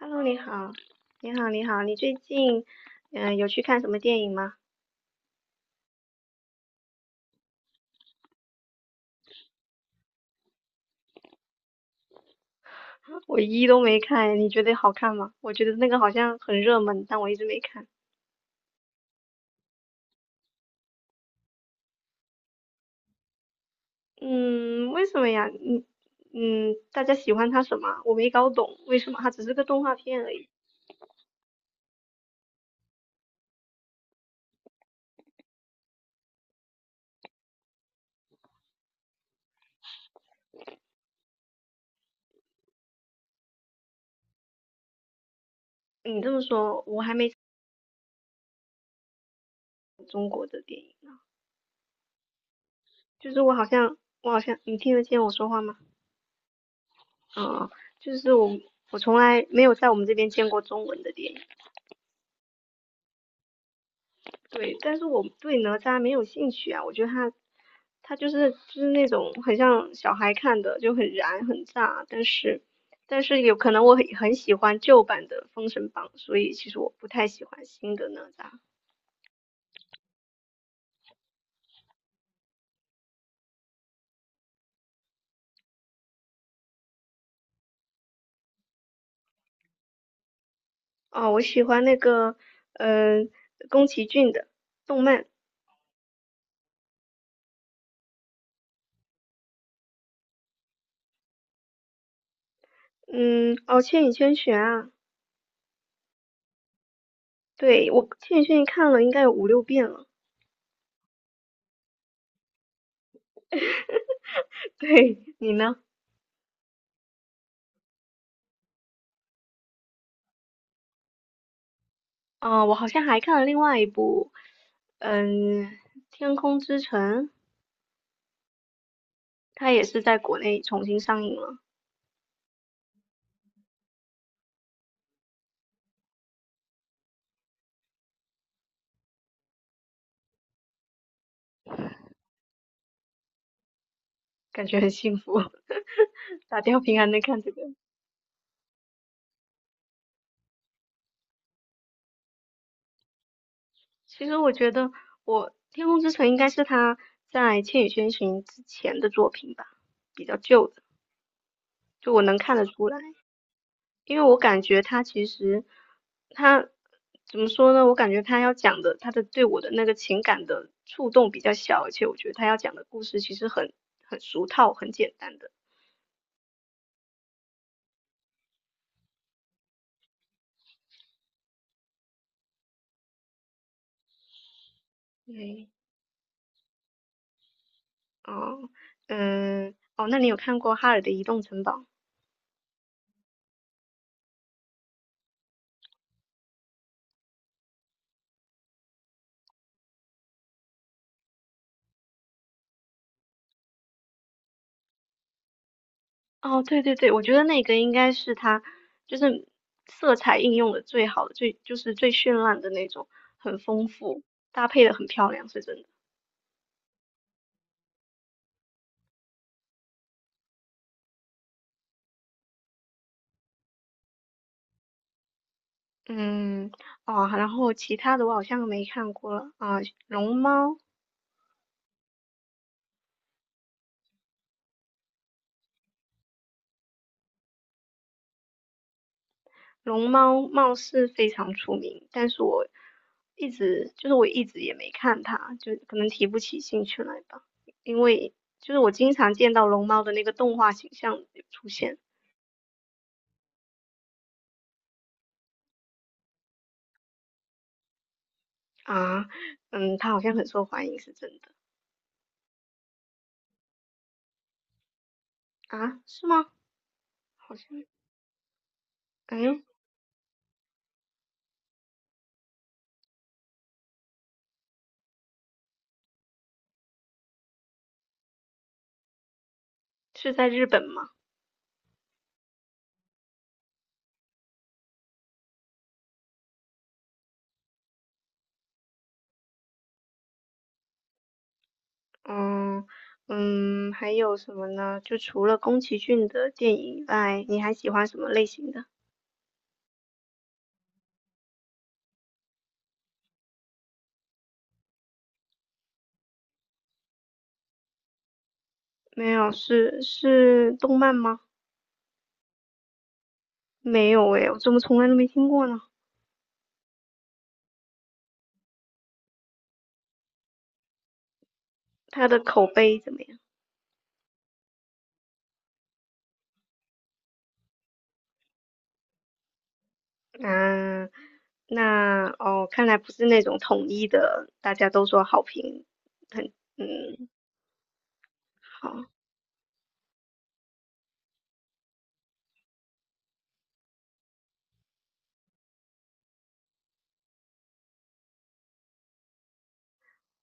Hello，你好，你最近有去看什么电影吗？我一都没看，你觉得好看吗？我觉得那个好像很热门，但我一直没看。嗯，为什么呀？嗯嗯，大家喜欢它什么？我没搞懂，为什么它只是个动画片而已？你这么说，我还没看过中国的电影呢，就是我好像你听得见我说话吗？嗯，就是我从来没有在我们这边见过中文的电影。对，但是我对哪吒没有兴趣啊，我觉得他就是那种很像小孩看的，就很燃很炸，但是有可能我很喜欢旧版的《封神榜》，所以其实我不太喜欢新的哪吒。啊，我喜欢那个嗯、宫崎骏的动漫。嗯，哦，《千与千寻》啊，对，我《千与千寻》看了应该有五六遍了，对你呢？啊，我好像还看了另外一部，嗯，《天空之城》。他也是在国内重新上映了。感觉很幸福，打吊瓶还能看这个。其实我觉得我《天空之城》应该是他在《千与千寻》之前的作品吧，比较旧的，就我能看得出来。因为我感觉他其实他怎么说呢？我感觉他要讲的他的对我的那个情感的触动比较小，而且我觉得他要讲的故事其实很俗套、很简单的。对。哦，嗯，哦，那你有看过《哈尔的移动城堡》吗？哦，对对对，我觉得那个应该是他，就是色彩应用的最好的，最就是最绚烂的那种，很丰富，搭配的很漂亮，是真的。嗯，哦，然后其他的我好像没看过了啊，龙猫。龙猫貌似非常出名，但是我一直也没看它，就可能提不起兴趣来吧，因为就是我经常见到龙猫的那个动画形象有出现。啊，嗯，它好像很受欢迎，是真的。啊，是吗？好像，哎，是在日本吗？嗯嗯，还有什么呢？就除了宫崎骏的电影以外，你还喜欢什么类型的？没有，是动漫吗？没有诶，我怎么从来都没听过呢？它的口碑怎么样？啊，那哦，看来不是那种统一的，大家都说好评很。嗯，好。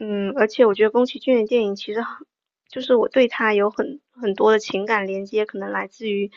嗯，而且我觉得宫崎骏的电影其实很，就是我对他有很多的情感连接，可能来自于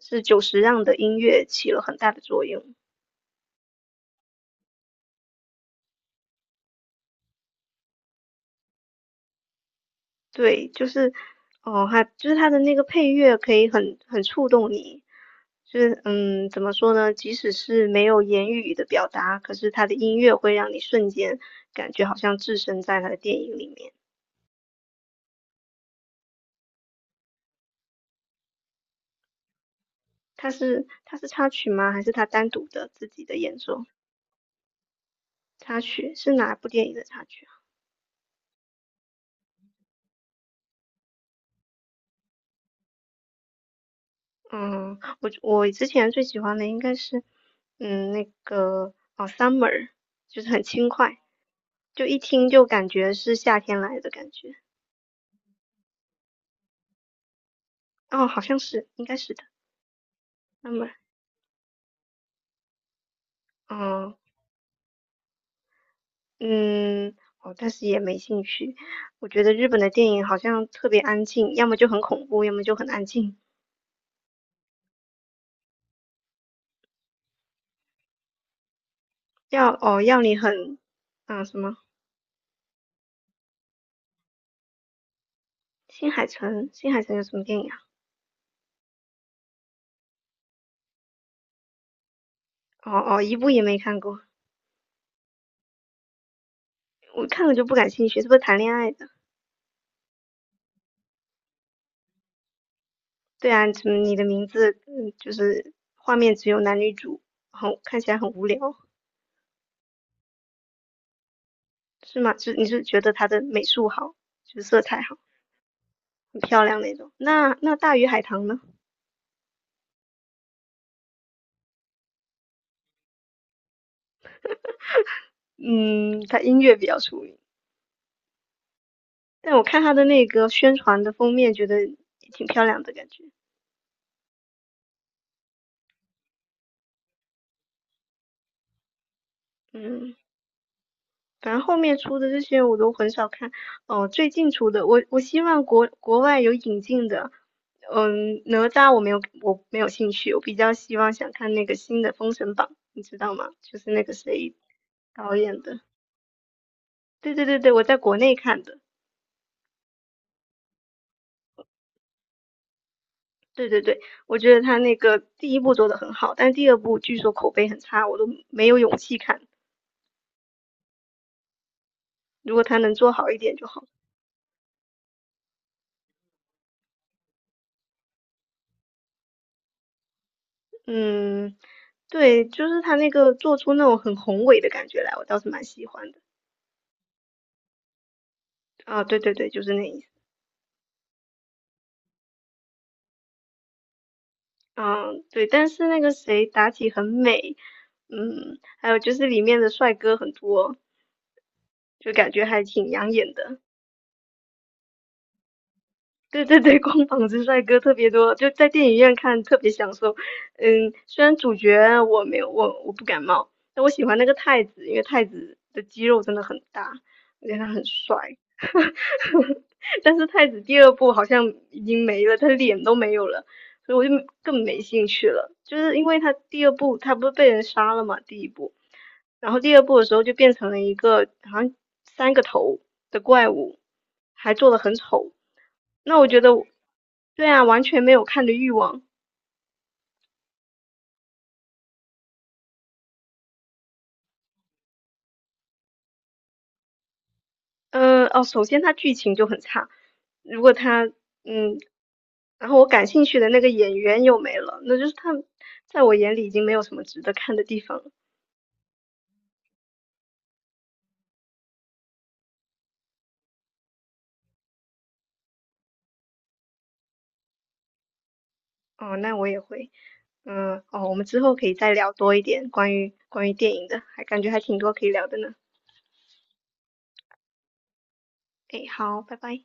是久石让的音乐起了很大的作用。对，就是哦，他就是他的那个配乐可以很触动你，就是嗯，怎么说呢？即使是没有言语的表达，可是他的音乐会让你瞬间感觉好像置身在他的电影里面。他是插曲吗？还是他单独的自己的演奏？插曲是哪部电影的插曲？嗯，我之前最喜欢的应该是，嗯，那个哦，summer，就是很轻快，就一听就感觉是夏天来的感觉。哦，好像是，应该是的，summer。嗯嗯，哦，但是也没兴趣。我觉得日本的电影好像特别安静，要么就很恐怖，要么就很安静。要哦要你很。嗯什么？新海诚，新海诚有什么电影啊？哦哦，一部也没看过。我看了就不感兴趣，是不是谈恋爱的？对啊，怎么你的名字，嗯，就是画面只有男女主，很看起来很无聊。是吗？是你是觉得他的美术好，就是色彩好，很漂亮那种。那那大鱼海棠呢？嗯，它音乐比较出名，但我看它的那个宣传的封面，觉得也挺漂亮的感觉。嗯，反正后面出的这些我都很少看。哦，最近出的，我希望国外有引进的。嗯，哪吒我没有，我没有兴趣，我比较希望想看那个新的《封神榜》，你知道吗？就是那个谁导演的。对对对对，我在国内看的。对对对，我觉得他那个第一部做的很好，但第二部据说口碑很差，我都没有勇气看。如果他能做好一点就好。嗯，对，就是他那个做出那种很宏伟的感觉来，我倒是蛮喜欢的。啊，对对对，就是那意思。嗯，对，但是那个谁妲己很美，嗯，还有就是里面的帅哥很多，就感觉还挺养眼的。对对对，光膀子帅哥特别多，就在电影院看特别享受。嗯，虽然主角我没有我不感冒，但我喜欢那个太子，因为太子的肌肉真的很大，而且他很帅。但是太子第二部好像已经没了，他脸都没有了，所以我就更没兴趣了。就是因为他第二部他不是被人杀了嘛，第一部，然后第二部的时候就变成了一个好像三个头的怪物，还做的很丑。那我觉得，对啊，完全没有看的欲望。哦，首先它剧情就很差，如果它嗯，然后我感兴趣的那个演员又没了，那就是他在我眼里已经没有什么值得看的地方了。哦，那我也会。嗯，哦，我们之后可以再聊多一点关于关于电影的，还感觉还挺多可以聊的呢。诶，好，拜拜。